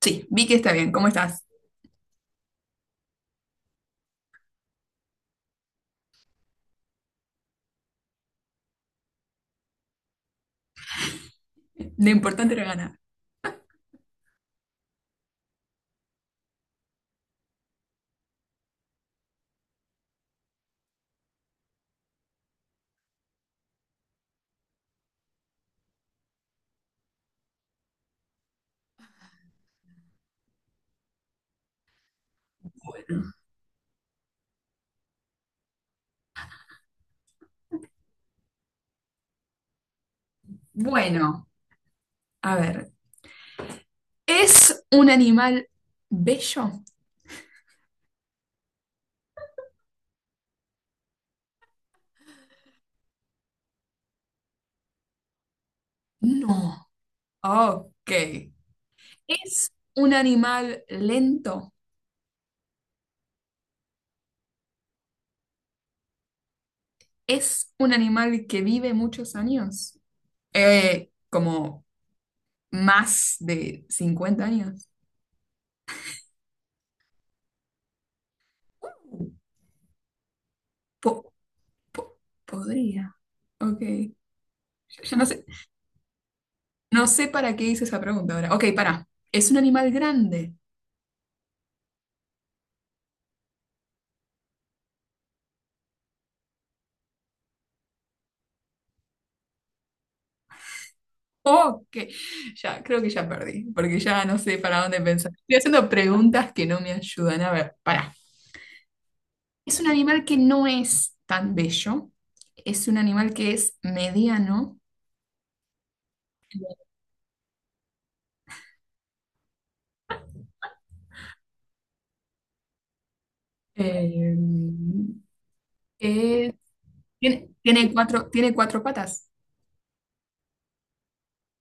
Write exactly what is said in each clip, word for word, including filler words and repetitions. Sí, vi que está bien. ¿Cómo estás? Lo importante era ganar. Bueno. Bueno, a ver. ¿Es un animal bello? No. Ok. ¿Es un animal lento? ¿Es un animal que vive muchos años? Eh, como más de cincuenta años. Uh, Po- po- podría. Ok. Ya ya no sé. No sé para qué hice esa pregunta ahora. Ok, para. ¿Es un animal grande? Ok, ya creo que ya perdí, porque ya no sé para dónde pensar. Estoy haciendo preguntas que no me ayudan. A ver, pará. Es un animal que no es tan bello, es un animal que es mediano, eh, que tiene, tiene cuatro, tiene cuatro patas,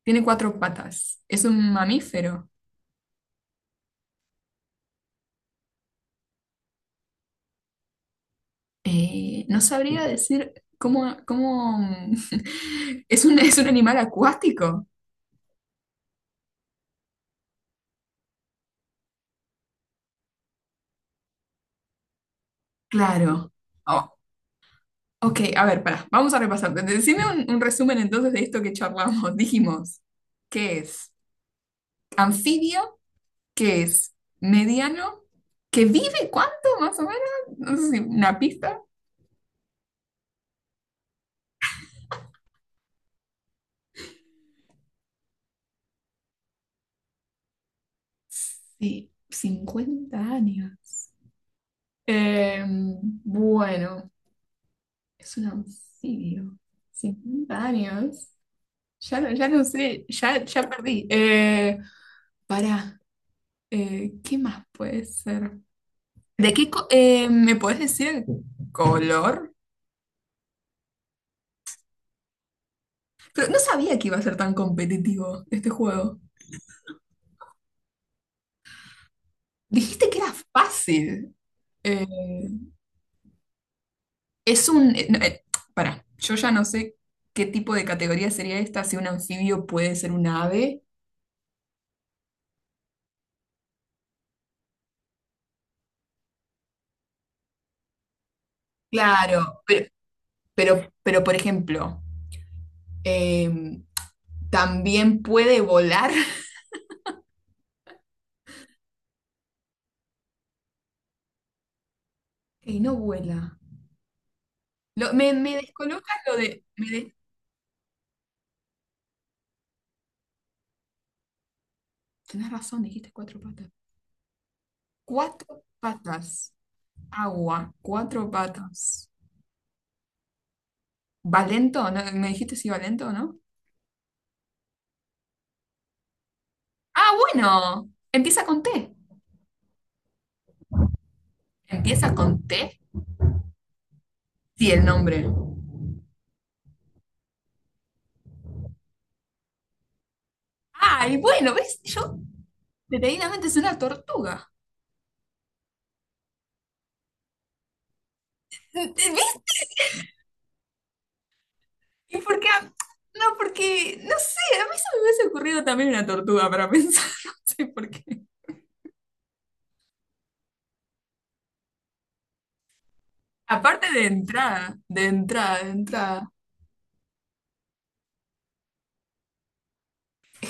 tiene cuatro patas, es un mamífero. Eh, no sabría decir cómo, cómo... ¿Es un, es un animal acuático? Claro. Oh, ok, a ver, pará, vamos a repasar. Decime un, un resumen entonces de esto que charlamos. Dijimos, ¿qué es anfibio? ¿Qué es mediano? ¿Que vive cuánto más o menos? No sé si una pista. Sí, cincuenta años. Eh, bueno, es un anfibio. Cincuenta años. Ya, no- ya no sé, ya, ya perdí. Eh, pará, eh, ¿qué más puede ser? ¿De qué co- eh, me puedes decir color? Pero no sabía que iba a ser tan competitivo este juego. Dijiste que era fácil. Eh, es un... eh, no, eh, pará, yo ya no sé qué tipo de categoría sería esta, si un anfibio puede ser un ave. Claro, pero, pero, pero por ejemplo, eh, también puede volar. Y no vuela. Lo- me, me descoloca lo de... Me de- tenés razón, dijiste cuatro patas. Cuatro patas. Agua, cuatro patas. ¿Valento? ¿No? ¿Me dijiste si Valento o no? Ah, bueno. Empieza con T. ¿Empieza con T? Sí, el nombre. Ay, bueno, ¿ves? Yo detenidamente es una tortuga. ¿Ves? ¿Y por qué? a- No, porque, no sé, a mí se me hubiese ocurrido también una tortuga para pensar, no sé por qué. Aparte de entrada, de entrada, de entrada.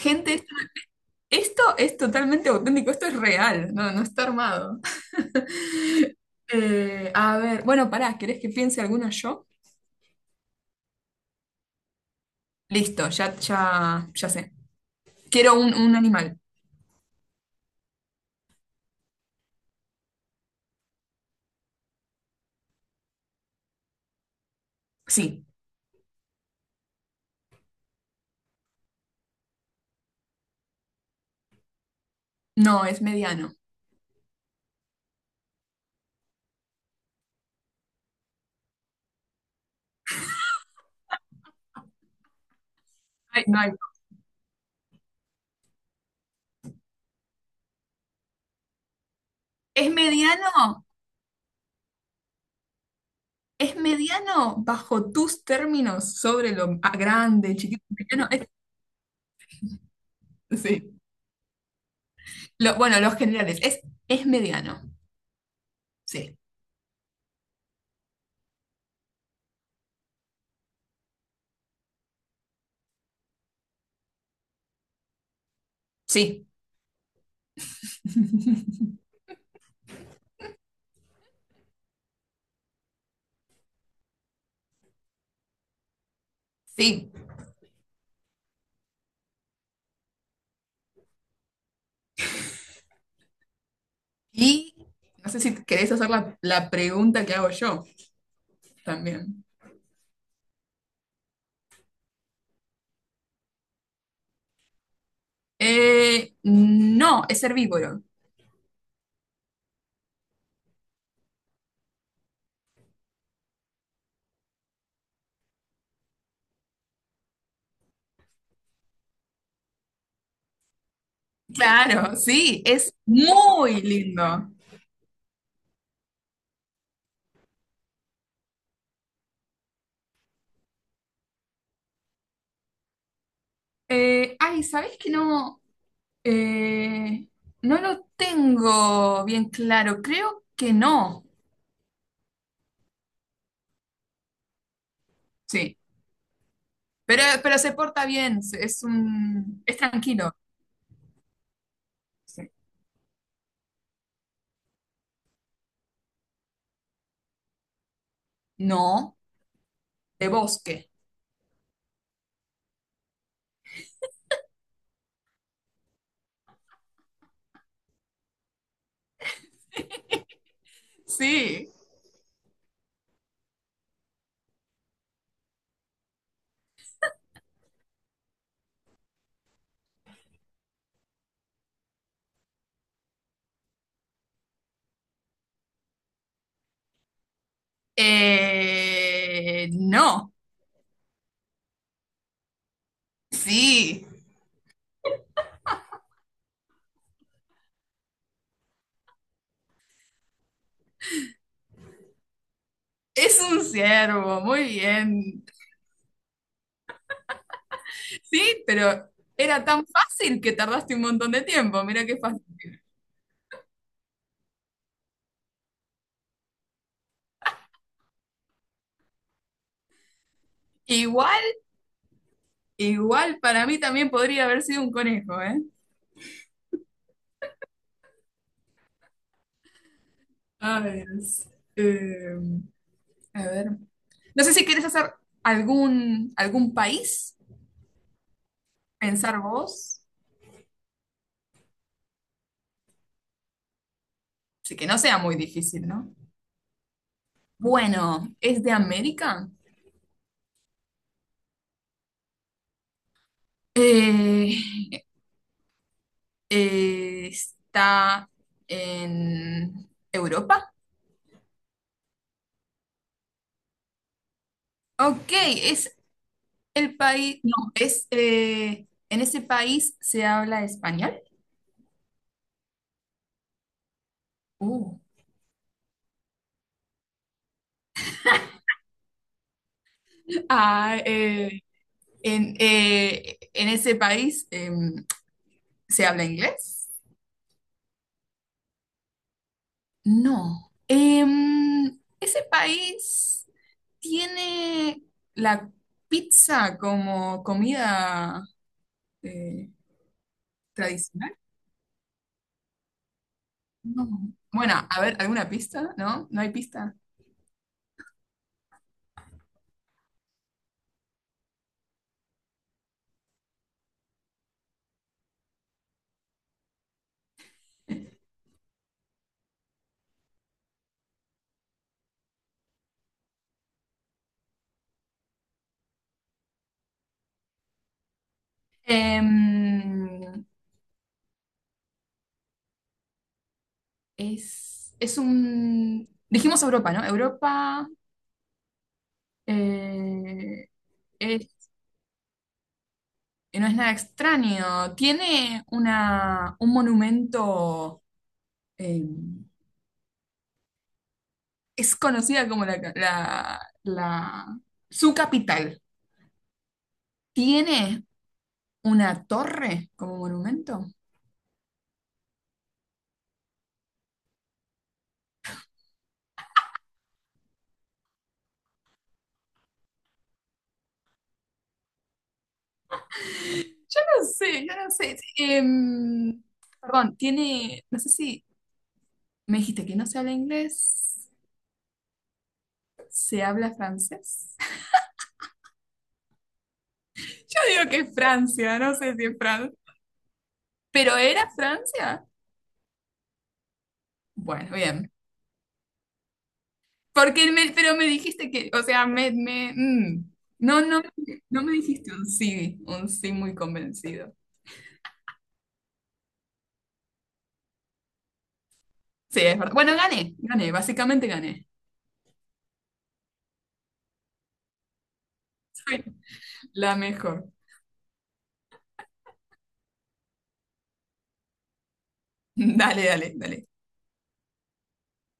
Gente, esto es totalmente auténtico, esto es real, no, no está armado. Eh, a ver, bueno, pará, ¿querés que piense alguna yo? Listo, ya, ya, ya sé. Quiero un, un animal. Sí, no, es mediano. Ay, no hay- Es mediano, es mediano bajo tus términos sobre lo ah, grande, chiquito, mediano. Es- sí. Lo- bueno, los generales, es, es mediano. Sí, sí, sí. Y no sé si querés hacer la, la pregunta que hago yo. También. Eh, no, es herbívoro. Claro, sí, es muy lindo. Eh, ay, ¿sabés que no? Eh, no lo tengo bien claro. Creo que no. Sí, pero, pero se porta bien, se- es un, es tranquilo. Sí. No, de bosque. Sí. Eh, no, sí, es un ciervo, muy bien. Sí, pero era tan fácil que tardaste un montón de tiempo. Mira qué fácil. Igual, igual para mí también podría haber sido un conejo, ¿eh? A ver, eh, a ver. No sé si quieres hacer algún, algún país, pensar vos. Así que no sea muy difícil, ¿no? Bueno, ¿es de América? Eh, eh, ¿Está en Europa? Ok, ¿es El país, No. Es, eh, en ese país se habla español. Uh. Ah, eh, En, eh, en ese país em, se habla inglés. No. Em, ese país tiene la pizza como comida eh, tradicional. No. Bueno, a ver, ¿alguna pista? ¿No? ¿No hay pista? Em, Es, es un... Dijimos Europa, ¿no? Europa eh, es- no es nada extraño. Tiene una, un monumento, eh, es conocida como la, la- la- su capital. Tiene una torre como monumento. Yo no sé, yo no sé. Em, perdón, tiene, no sé si me dijiste que no se habla inglés, se habla francés. Yo digo que es Francia, no sé si es Francia. ¿Pero era Francia? Bueno, bien. Porque me- pero me dijiste que, o sea, me, me- mm. No, no, no me dijiste un sí, un sí muy convencido. Sí, es verdad. Bueno, gané, gané, básicamente gané. Soy la mejor. Dale, dale, dale.